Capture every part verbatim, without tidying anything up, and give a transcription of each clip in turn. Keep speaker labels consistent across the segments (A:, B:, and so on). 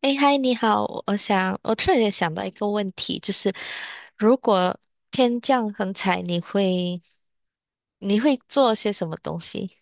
A: 哎，嗨，你好，我想，我突然也想到一个问题，就是如果天降横财，你会你会做些什么东西？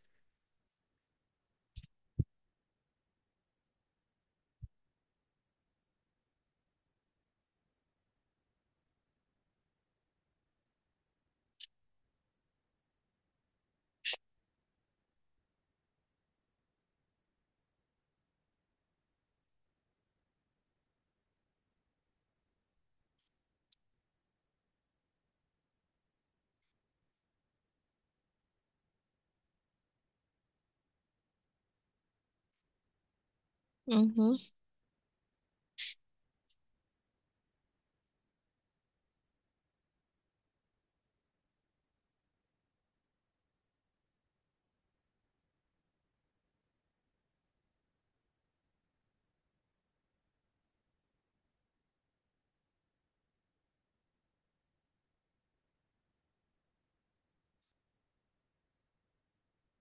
A: 嗯哼。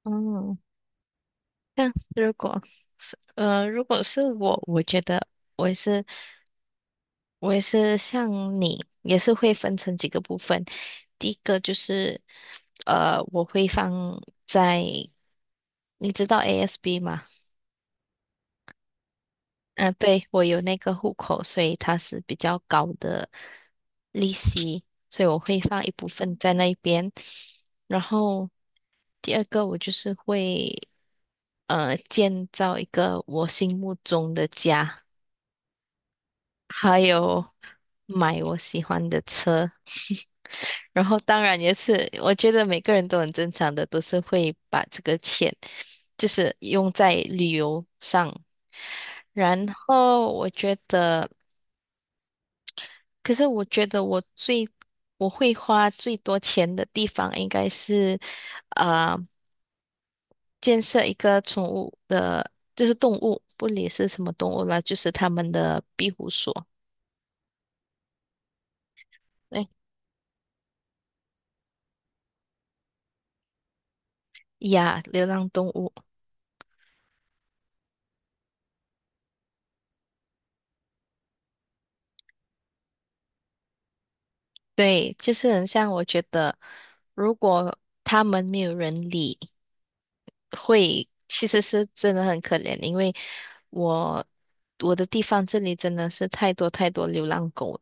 A: 嗯，那如果是呃，如果是我，我觉得我也是，我也是像你，也是会分成几个部分。第一个就是，呃，我会放在，你知道 A S B 吗？嗯、对，我有那个户口，所以它是比较高的利息，所以我会放一部分在那一边。然后第二个，我就是会呃建造一个我心目中的家，还有买我喜欢的车。然后当然也是，我觉得每个人都很正常的，都是会把这个钱就是用在旅游上。然后我觉得。可是我觉得我最我会花最多钱的地方应该是，呃，建设一个宠物的，就是动物，不理是什么动物啦，就是他们的庇护所，哎呀，流浪动物，对，就是很像我觉得，如果他们没有人理，会其实是真的很可怜，因为我我的地方这里真的是太多太多流浪狗了。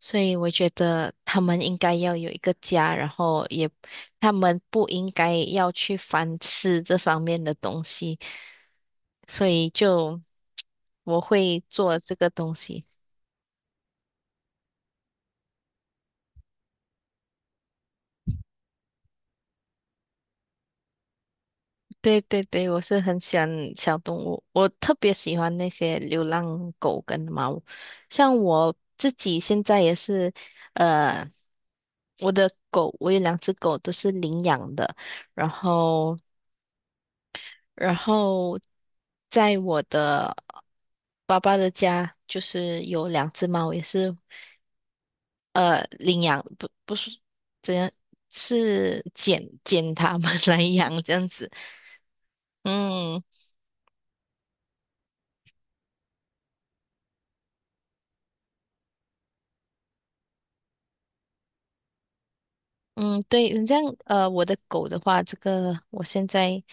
A: 所以我觉得他们应该要有一个家，然后也他们不应该要去反思这方面的东西，所以就 我会做这个东西。对对对，我是很喜欢小动物，我特别喜欢那些流浪狗跟猫。像我自己现在也是，呃，我的狗，我有两只狗都是领养的，然后。然后在我的爸爸的家，就是有两只猫，也是呃领养，不不是怎样，是捡捡它们 来养这样子。嗯嗯，对，你这样呃，我的狗的话，这个我现在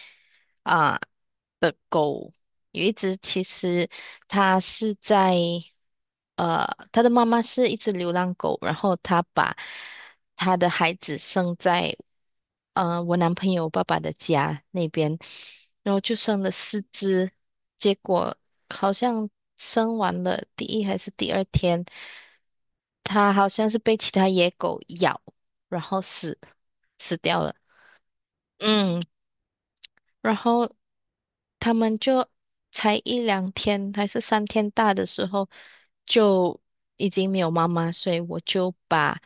A: 啊。的狗，有一只其实它是在呃，它的妈妈是一只流浪狗，然后它把它的孩子生在呃我男朋友爸爸的家那边，然后就生了四只，结果好像生完了第一还是第二天，它好像是被其他野狗咬，然后死死掉了。嗯，然后他们就才一两天还是三天大的时候，就已经没有妈妈，所以我就把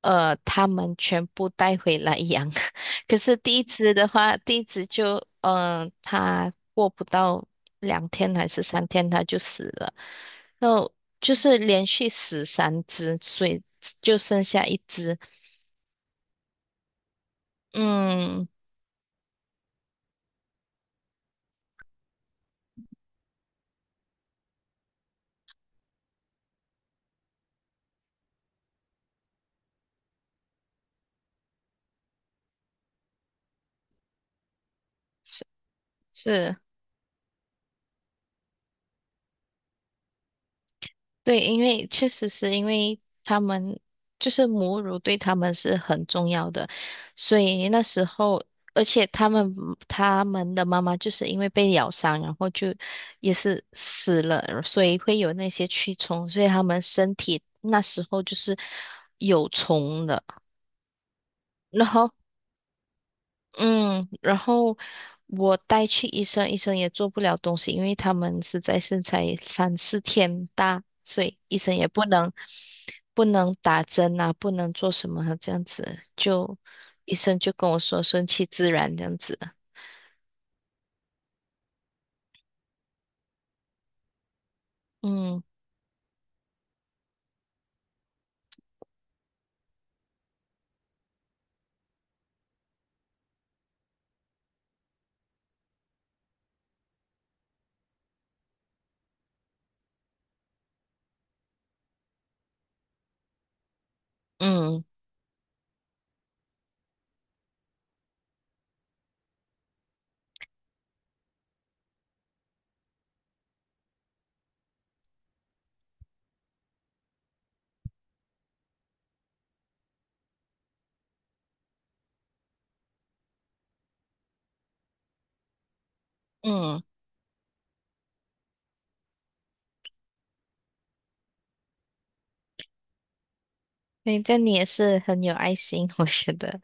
A: 呃他们全部带回来养。可是第一只的话，第一只就嗯、呃，它过不到两天还是三天，它就死了。然后就是连续死三只，所以就剩下一只。嗯，是是。对，因为确实是因为他们就是母乳对他们是很重要的，所以那时候，而且他们他们的妈妈就是因为被咬伤，然后就也是死了，所以会有那些蛆虫，所以他们身体那时候就是有虫的。然后嗯，然后我带去医生，医生也做不了东西，因为他们实在是才三四天大，所以医生也不能不能打针啊，不能做什么啊这样子，就医生就跟我说顺其自然这样子。嗯嗯嗯，那这你也是很有爱心，我觉得。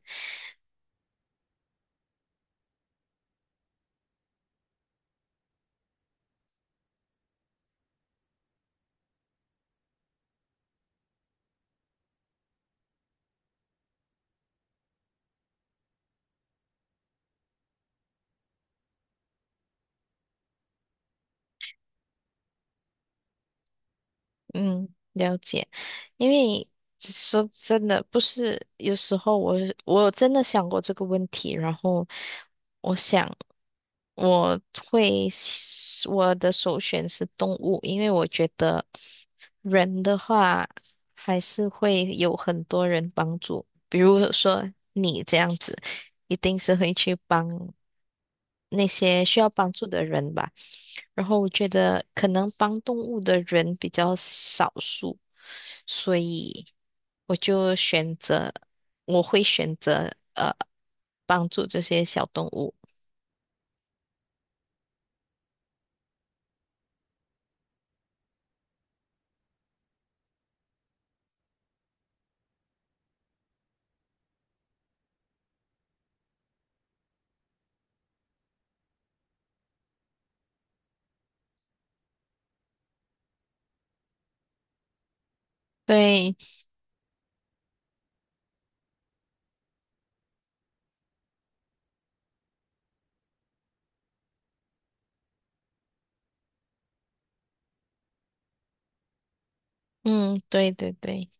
A: 嗯，了解。因为说真的，不是有时候我我真的想过这个问题，然后我想。我会，我的首选是动物，因为我觉得人的话还是会有很多人帮助，比如说你这样子，一定是会去帮那些需要帮助的人吧。然后我觉得可能帮动物的人比较少数，所以我就选择，我会选择呃帮助这些小动物。对，嗯，对对对，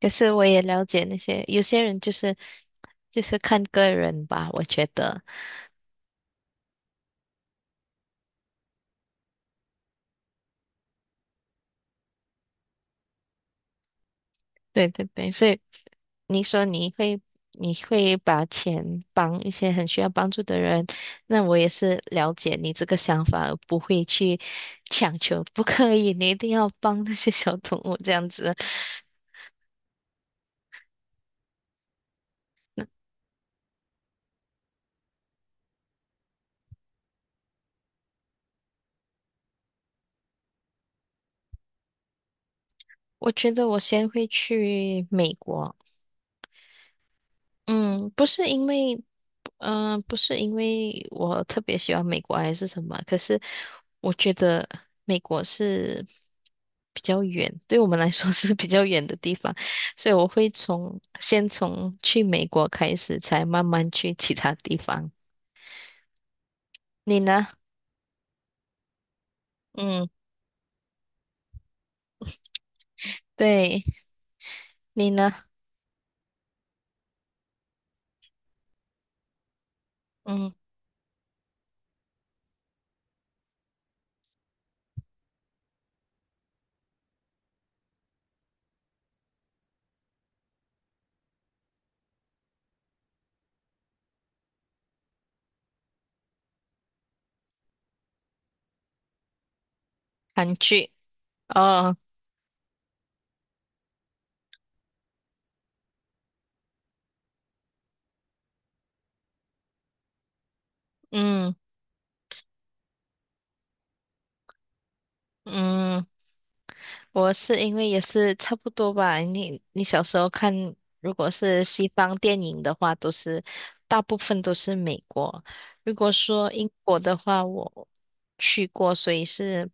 A: 可是我也了解那些有些人就是就是看个人吧，我觉得，对对对，所以你说你会你会把钱帮一些很需要帮助的人，那我也是了解你这个想法，而不会去强求，不可以，你一定要帮那些小动物这样子。我觉得我先会去美国，嗯，不是因为。嗯、呃不是因为我特别喜欢美国还是什么，可是我觉得美国是比较远，对我们来说是比较远的地方，所以我会从先从去美国开始，才慢慢去其他地方。你呢？嗯，对，你呢？嗯，韩剧。哦，嗯嗯。我是因为也是差不多吧。你你小时候看，如果是西方电影的话，都是大部分都是美国。如果说英国的话，我去过，所以是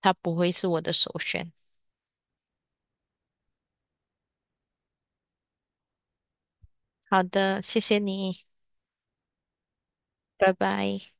A: 它不会是我的首选。好的，谢谢你，拜拜。